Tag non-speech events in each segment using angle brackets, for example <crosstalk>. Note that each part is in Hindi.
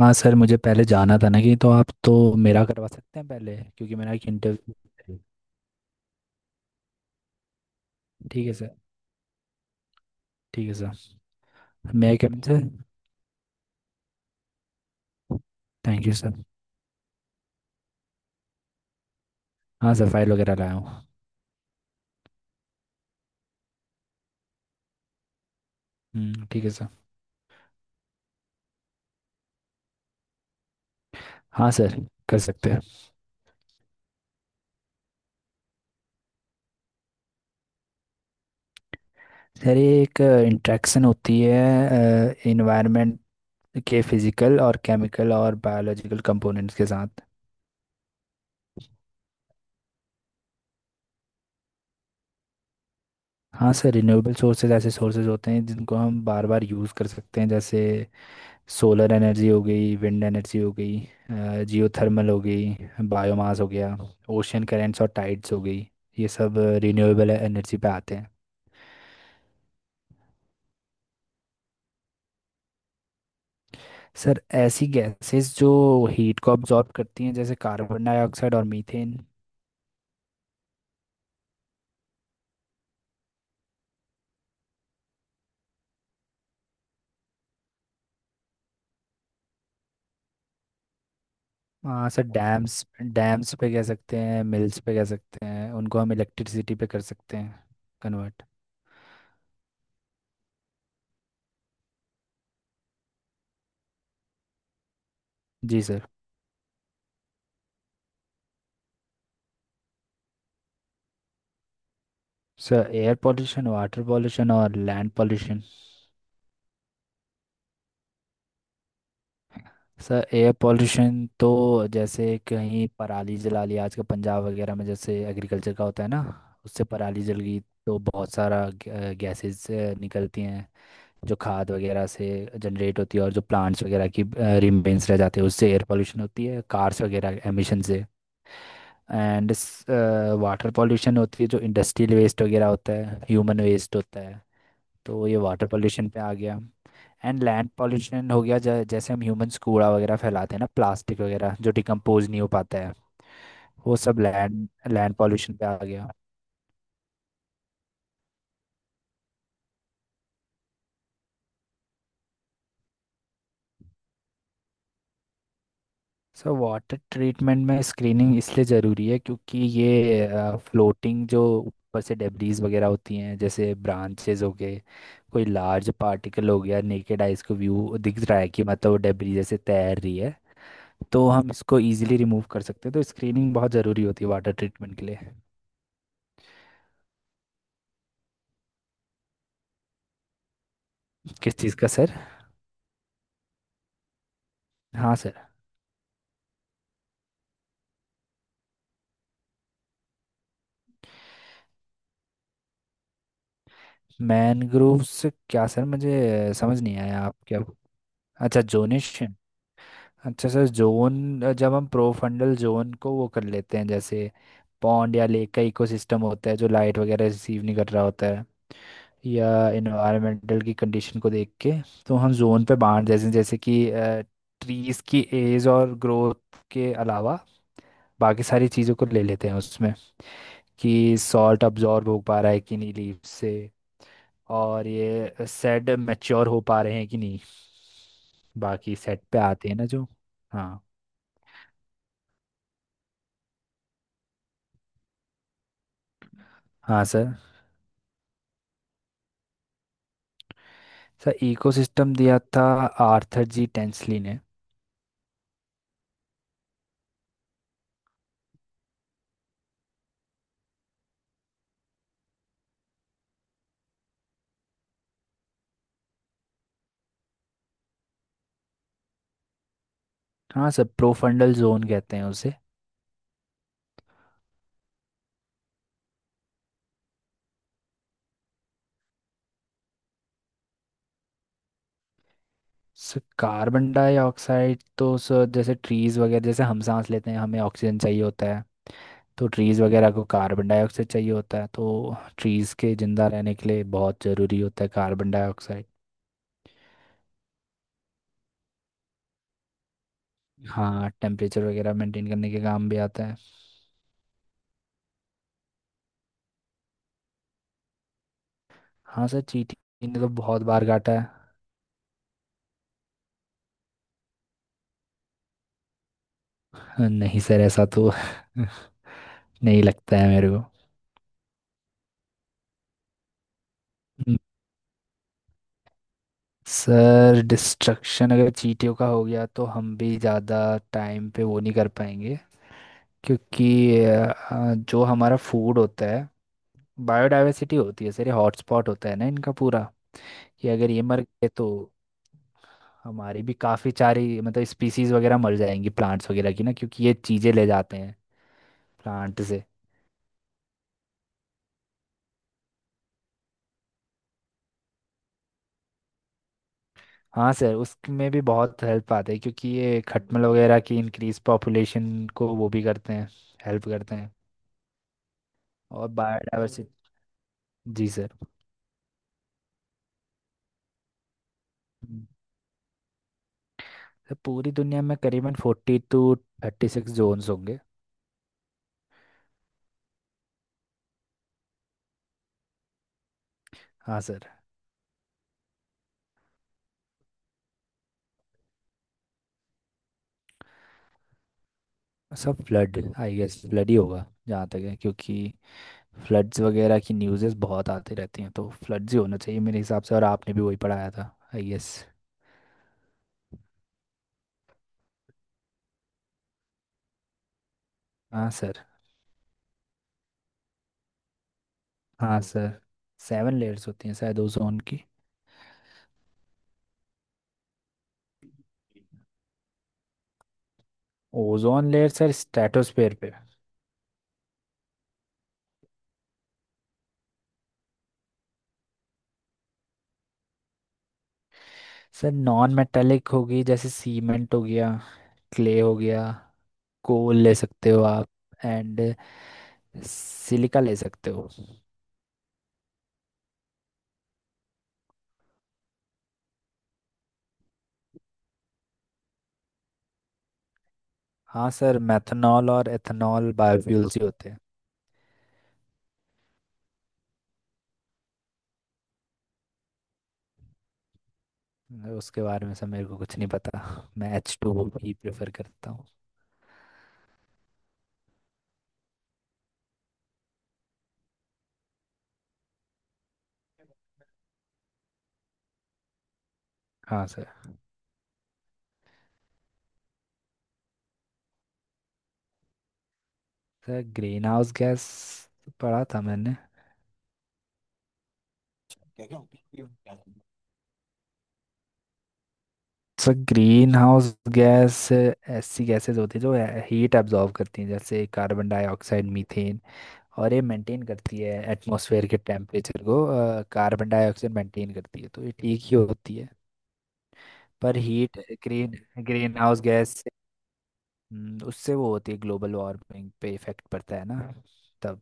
हाँ सर, मुझे पहले जाना था ना कि, तो आप तो मेरा करवा सकते हैं पहले, क्योंकि मेरा एक इंटरव्यू। ठीक है सर। ठीक है सर। मैं cabin sir. Thank you sir. हाँ सर, फाइल वगैरह लाया हूँ। ठीक है सर। हाँ सर, कर सकते हैं। सर ये एक इंट्रैक्शन होती है इन्वायरमेंट के फिजिकल और केमिकल और बायोलॉजिकल कंपोनेंट्स के साथ। हाँ सर, रिन्यूएबल सोर्सेज ऐसे सोर्सेज होते हैं जिनको हम बार बार यूज़ कर सकते हैं, जैसे सोलर एनर्जी हो गई, विंड एनर्जी हो गई, जियो थर्मल हो गई, बायोमास हो गया, ओशियन करेंट्स और टाइड्स हो गई। ये सब रिन्यूएबल एनर्जी पे आते हैं। सर ऐसी गैसेस जो हीट को अब्जॉर्ब करती हैं, जैसे कार्बन डाइऑक्साइड और मीथेन। हाँ सर, डैम्स डैम्स पे कह सकते हैं, मिल्स पे कह सकते हैं, उनको हम इलेक्ट्रिसिटी पे कर सकते हैं कन्वर्ट। जी sir. Sir air pollution, water pollution और land pollution. Sir air pollution तो जैसे कहीं पराली जला लिया आजकल पंजाब वगैरह में, जैसे एग्रीकल्चर का होता है ना, उससे पराली जल गई, तो बहुत सारा गैसेस निकलती हैं जो खाद वगैरह से जनरेट होती है, और जो प्लांट्स वगैरह की रिमेन्स रह जाते हैं उससे एयर पोल्यूशन होती है, कार्स वगैरह एमिशन से। एंड वाटर पोल्यूशन होती है जो इंडस्ट्रियल वेस्ट वगैरह होता है, ह्यूमन वेस्ट होता है, तो ये वाटर पोल्यूशन पे आ गया। एंड लैंड पॉल्यूशन हो गया जैसे हम ह्यूमंस कूड़ा वगैरह फैलाते हैं ना, प्लास्टिक वगैरह जो डिकम्पोज नहीं हो पाता है, वो सब लैंड लैंड पॉल्यूशन पे आ गया। सो वाटर ट्रीटमेंट में स्क्रीनिंग इसलिए ज़रूरी है क्योंकि ये फ्लोटिंग जो ऊपर से डेब्रीज वगैरह होती हैं, जैसे ब्रांचेज हो गए, कोई लार्ज पार्टिकल हो गया, नेकेड आइज को व्यू दिख रहा है कि मतलब वो डेब्रीज जैसे तैर रही है, तो हम इसको इजीली रिमूव कर सकते हैं। तो स्क्रीनिंग बहुत ज़रूरी होती है वाटर ट्रीटमेंट के लिए। किस चीज़ का सर? हाँ सर। मैनग्रोव्स क्या सर? मुझे समझ नहीं आया आप क्या। अच्छा, जोनिश। अच्छा सर, जोन, जब हम प्रोफंडल जोन को वो कर लेते हैं, जैसे पॉन्ड या लेक का इकोसिस्टम होता है जो लाइट वगैरह रिसीव नहीं कर रहा होता है, या इन्वायरमेंटल की कंडीशन को देख के, तो हम जोन पे बांट देते हैं। जैसे कि ट्रीज की एज और ग्रोथ के अलावा बाकी सारी चीज़ों को ले लेते हैं उसमें, कि सॉल्ट अब्जॉर्ब हो पा रहा है कि नहीं लीफ से, और ये सेड मैच्योर हो पा रहे हैं कि नहीं। बाकी सेट पे आते हैं ना जो। हाँ। हाँ सर। सर इकोसिस्टम दिया था आर्थर जी टेंसली ने। हाँ सर, प्रोफंडल जोन कहते हैं उसे। सर कार्बन डाइऑक्साइड तो सर, जैसे ट्रीज वगैरह, जैसे हम सांस लेते हैं हमें ऑक्सीजन चाहिए होता है। तो ट्रीज़ वगैरह को कार्बन डाइऑक्साइड चाहिए होता है, तो ट्रीज़ के ज़िंदा रहने के लिए बहुत ज़रूरी होता है कार्बन डाइऑक्साइड। हाँ, टेम्परेचर वगैरह मेंटेन करने के काम भी आता है। हाँ सर, चींटी ने तो बहुत बार काटा है। नहीं सर, ऐसा तो <laughs> नहीं लगता है मेरे को। हम्म, सर डिस्ट्रक्शन अगर चींटियों का हो गया, तो हम भी ज़्यादा टाइम पे वो नहीं कर पाएंगे, क्योंकि जो हमारा फूड होता है, बायोडाइवर्सिटी होती है सर, ये हॉटस्पॉट होता है ना इनका पूरा। कि अगर ये मर गए तो हमारी भी काफ़ी सारी मतलब स्पीसीज वगैरह मर जाएंगी, प्लांट्स वगैरह की ना, क्योंकि ये चीज़ें ले जाते हैं प्लांट से। हाँ सर, उसमें भी बहुत हेल्प आते हैं, क्योंकि ये खटमल वगैरह की इंक्रीज पॉपुलेशन को वो भी करते हैं, हेल्प करते हैं। और बायोडाइवर्सिटी। जी सर। हम्म। सर पूरी दुनिया में करीबन 42, 36 जोन्स होंगे। हाँ सर। सब फ्लड आई गेस, फ्लड ही होगा जहाँ तक है, क्योंकि फ्लड्स वगैरह की न्यूज़ेस बहुत आती रहती हैं, तो फ्लड्स ही होना चाहिए मेरे हिसाब से, और आपने भी वही पढ़ाया था आई गेस। हाँ सर। हाँ सर। 7 लेयर्स होती हैं शायद ओजोन की। ओजोन लेयर सर स्ट्रेटोस्फेयर पे। सर नॉन मेटालिक होगी, जैसे सीमेंट हो गया, क्ले हो गया, कोल ले सकते हो आप, एंड सिलिका ले सकते हो। हाँ सर, मेथनॉल और एथनॉल बायोफ्यूल्स ही होते। हैं उसके बारे में सर मेरे को कुछ नहीं पता, मैं H2 ही प्रेफर करता हूँ। हाँ sir. Sir greenhouse gas पढ़ा था मैंने। क्या क्या? Sir greenhouse gas gases गैसेस होती है जो हीट एब्जॉर्ब करती हैं, जैसे कार्बन डाइऑक्साइड, मीथेन, और ये मेंटेन करती है एटमॉस्फेयर के टेम्परेचर को। कार्बन डाइऑक्साइड मेंटेन करती है तो ये ठीक ही होती है। पर heat green greenhouse gas. उससे वो होती है, ग्लोबल वार्मिंग पे इफेक्ट पड़ता है ना तब।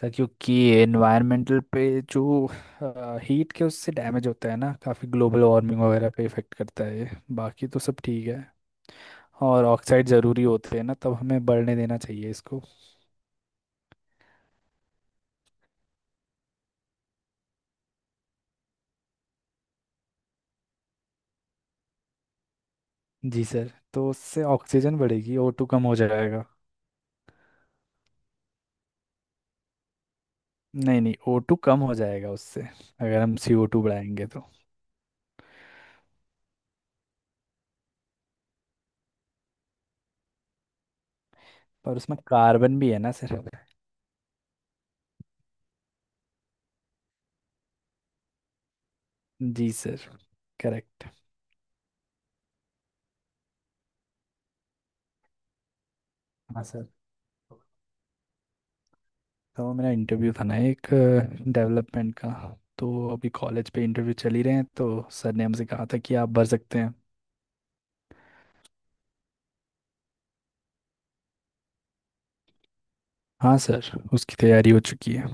सर क्योंकि एनवायरमेंटल पे जो हीट के उससे डैमेज होता है ना काफ़ी, ग्लोबल वार्मिंग वगैरह पे इफेक्ट करता है ये, बाकी तो सब ठीक है। और ऑक्साइड ज़रूरी होते हैं ना तब हमें बढ़ने देना चाहिए इसको। जी सर, तो उससे ऑक्सीजन बढ़ेगी, O2 कम हो जाएगा। नहीं नहीं, O2 कम हो जाएगा उससे, अगर हम CO2 बढ़ाएंगे तो। पर उसमें कार्बन भी है ना सर। जी सर, करेक्ट। हाँ सर, तो मेरा इंटरव्यू था ना एक डेवलपमेंट का, तो अभी कॉलेज पे इंटरव्यू चल ही रहे हैं, तो सर ने हमसे कहा था कि आप भर सकते हैं। हाँ सर, उसकी तैयारी हो चुकी है।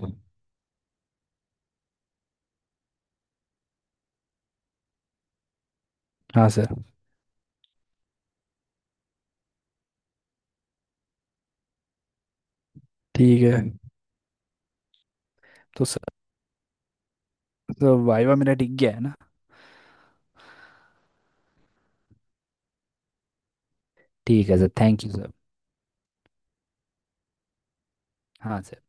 हाँ सर। ठीक है तो सर, तो वाइवा मेरा टिक गया है ना? ठीक है सर, थैंक यू सर। हाँ सर।